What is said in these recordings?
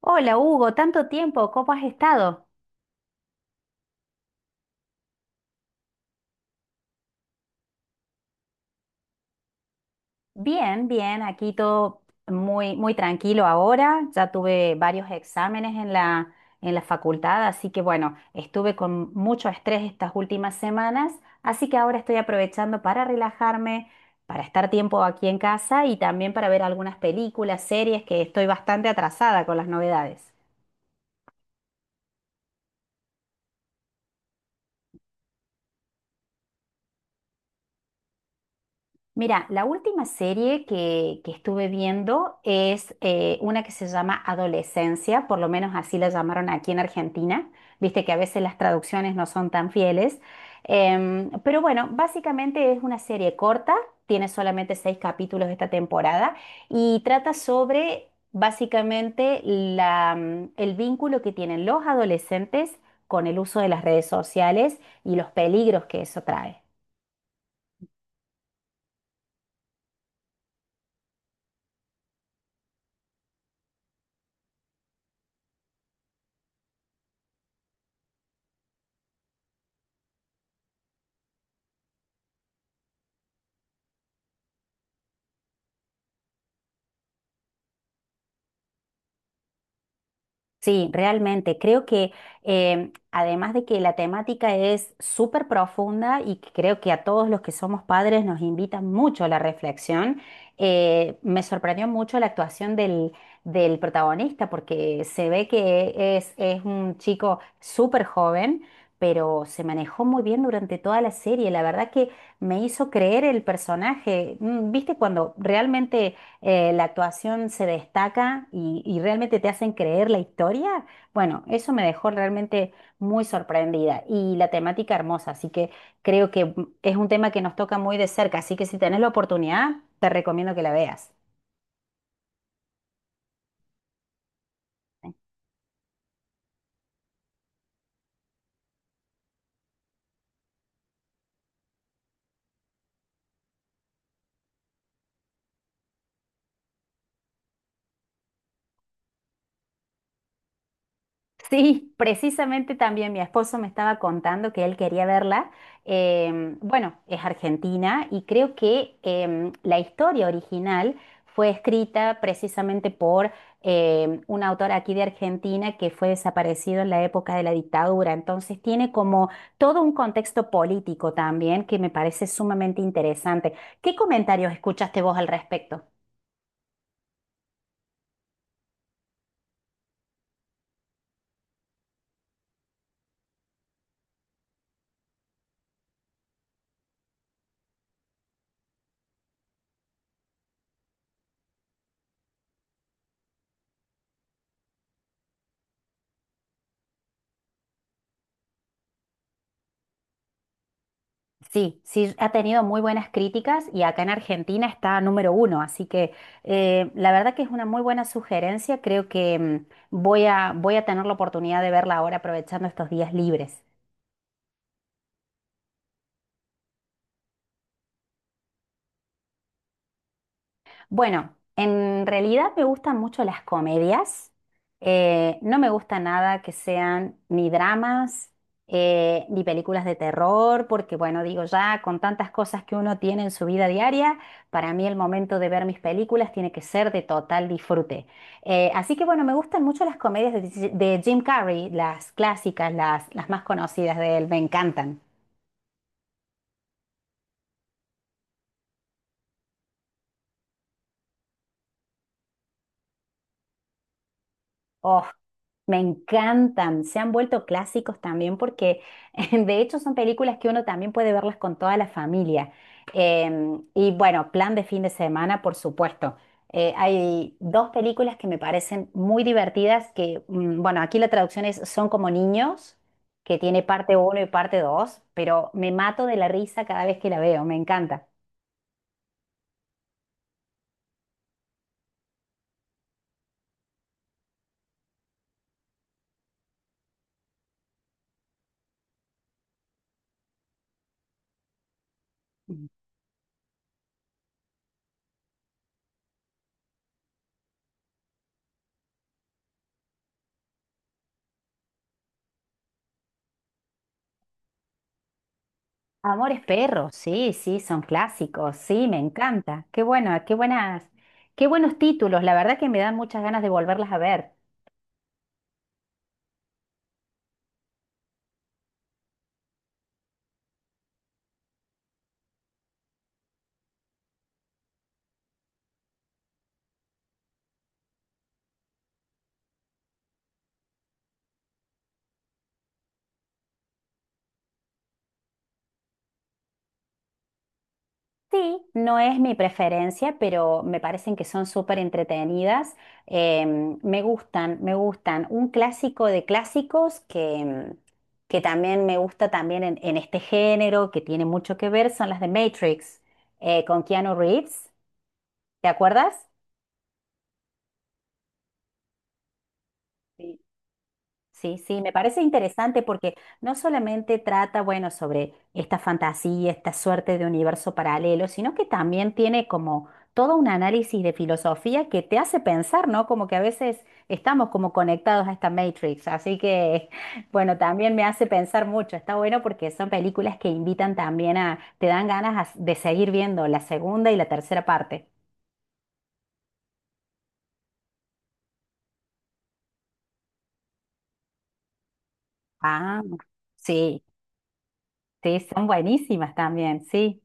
Hola Hugo, tanto tiempo, ¿cómo has estado? Bien, bien, aquí todo muy, muy tranquilo ahora. Ya tuve varios exámenes en la facultad, así que bueno, estuve con mucho estrés estas últimas semanas, así que ahora estoy aprovechando para relajarme, para estar tiempo aquí en casa y también para ver algunas películas, series, que estoy bastante atrasada con las novedades. Mira, la última serie que estuve viendo es una que se llama Adolescencia, por lo menos así la llamaron aquí en Argentina. Viste que a veces las traducciones no son tan fieles. Pero bueno, básicamente es una serie corta, tiene solamente seis capítulos esta temporada y trata sobre básicamente el vínculo que tienen los adolescentes con el uso de las redes sociales y los peligros que eso trae. Sí, realmente. Creo que además de que la temática es súper profunda y que creo que a todos los que somos padres nos invita mucho a la reflexión, me sorprendió mucho la actuación del protagonista porque se ve que es un chico súper joven, pero se manejó muy bien durante toda la serie. La verdad que me hizo creer el personaje. ¿Viste cuando realmente la actuación se destaca y realmente te hacen creer la historia? Bueno, eso me dejó realmente muy sorprendida y la temática hermosa, así que creo que es un tema que nos toca muy de cerca, así que si tenés la oportunidad, te recomiendo que la veas. Sí, precisamente también mi esposo me estaba contando que él quería verla. Bueno, es argentina y creo que la historia original fue escrita precisamente por un autor aquí de Argentina que fue desaparecido en la época de la dictadura. Entonces tiene como todo un contexto político también que me parece sumamente interesante. ¿Qué comentarios escuchaste vos al respecto? Sí, sí, ha tenido muy buenas críticas y acá en Argentina está #1, así que la verdad que es una muy buena sugerencia, creo que voy a tener la oportunidad de verla ahora aprovechando estos días libres. Bueno, en realidad me gustan mucho las comedias. No me gusta nada que sean ni dramas, ni películas de terror, porque bueno, digo ya, con tantas cosas que uno tiene en su vida diaria, para mí el momento de ver mis películas tiene que ser de total disfrute. Así que bueno, me gustan mucho las comedias de Jim Carrey, las clásicas, las más conocidas de él, me encantan. Oh, me encantan. Se han vuelto clásicos también porque de hecho son películas que uno también puede verlas con toda la familia. Y bueno, plan de fin de semana, por supuesto. Hay dos películas que me parecen muy divertidas bueno, aquí la traducción es Son como niños, que tiene parte uno y parte dos, pero me mato de la risa cada vez que la veo, me encanta. Amores Perros, sí, sí, son clásicos, sí, me encanta. Qué bueno, qué buenas, qué buenos títulos, la verdad que me dan muchas ganas de volverlas a ver. Sí, no es mi preferencia, pero me parecen que son súper entretenidas. Me gustan, me gustan. Un clásico de clásicos que también me gusta también en este género, que tiene mucho que ver, son las de Matrix, con Keanu Reeves. ¿Te acuerdas? Sí. Sí, sí, me parece interesante porque no solamente trata, bueno, sobre esta fantasía, esta suerte de universo paralelo, sino que también tiene como todo un análisis de filosofía que te hace pensar, ¿no? Como que a veces estamos como conectados a esta Matrix, así que, bueno, también me hace pensar mucho. Está bueno porque son películas que invitan también te dan ganas de seguir viendo la segunda y la tercera parte. Ah, sí, sí, son buenísimas también, sí.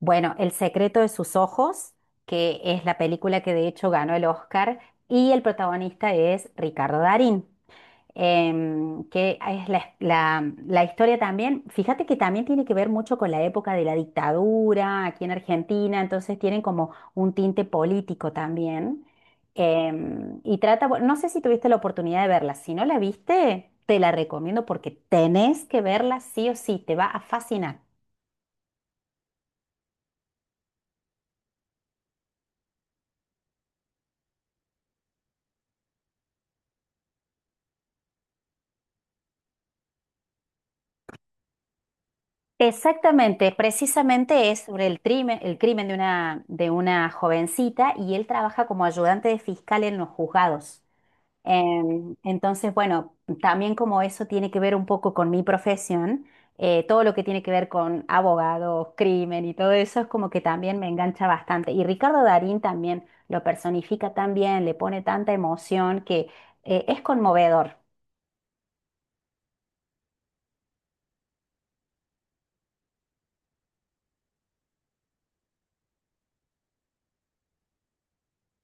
Bueno, El secreto de sus ojos, que es la película que de hecho ganó el Oscar, y el protagonista es Ricardo Darín, que es la historia también, fíjate que también tiene que ver mucho con la época de la dictadura aquí en Argentina, entonces tienen como un tinte político también. Y trata, bueno, no sé si tuviste la oportunidad de verla, si no la viste, te la recomiendo porque tenés que verla sí o sí, te va a fascinar. Exactamente, precisamente es sobre el crimen de una jovencita y él trabaja como ayudante de fiscal en los juzgados. Entonces, bueno, también como eso tiene que ver un poco con mi profesión, todo lo que tiene que ver con abogados, crimen y todo eso es como que también me engancha bastante. Y Ricardo Darín también lo personifica tan bien, le pone tanta emoción que es conmovedor.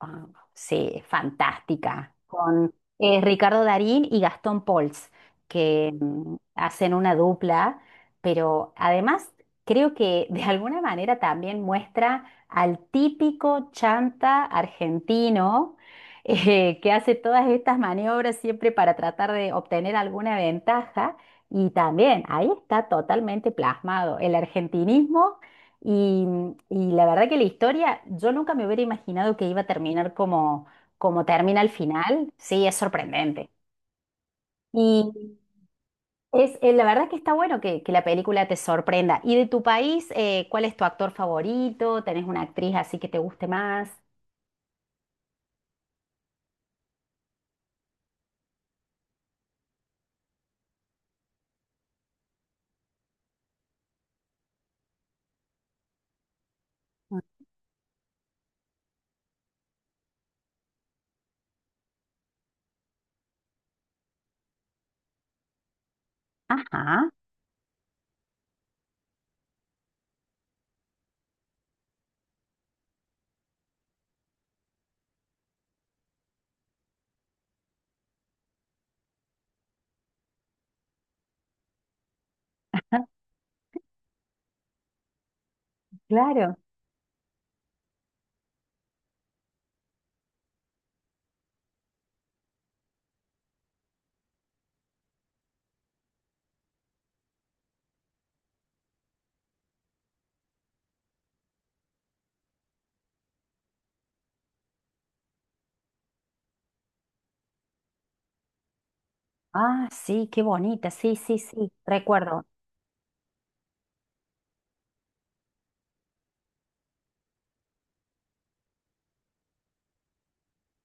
Ah, sí, es fantástica. Con Ricardo Darín y Gastón Pauls, que hacen una dupla, pero además creo que de alguna manera también muestra al típico chanta argentino que hace todas estas maniobras siempre para tratar de obtener alguna ventaja. Y también ahí está totalmente plasmado el argentinismo y, y la verdad que la historia, yo nunca me hubiera imaginado que iba a terminar como termina al final. Sí, es sorprendente. Y la verdad que está bueno que la película te sorprenda. ¿Y de tu país, cuál es tu actor favorito? ¿Tenés una actriz así que te guste más? Ajá, ah, claro. Ah, sí, qué bonita, sí, sí, sí, recuerdo.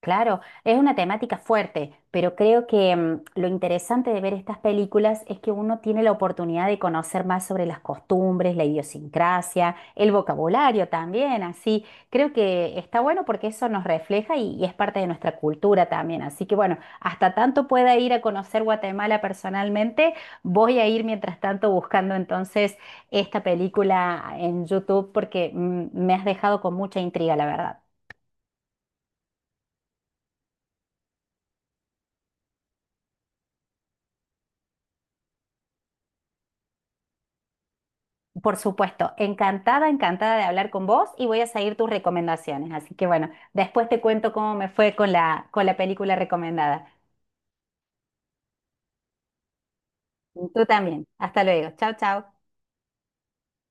Claro, es una temática fuerte, pero creo que lo interesante de ver estas películas es que uno tiene la oportunidad de conocer más sobre las costumbres, la idiosincrasia, el vocabulario también, así. Creo que está bueno porque eso nos refleja y es parte de nuestra cultura también. Así que bueno, hasta tanto pueda ir a conocer Guatemala personalmente, voy a ir mientras tanto buscando entonces esta película en YouTube porque me has dejado con mucha intriga, la verdad. Por supuesto, encantada, encantada de hablar con vos y voy a seguir tus recomendaciones. Así que bueno, después te cuento cómo me fue con la película recomendada. Tú también. Hasta luego. Chao, chao.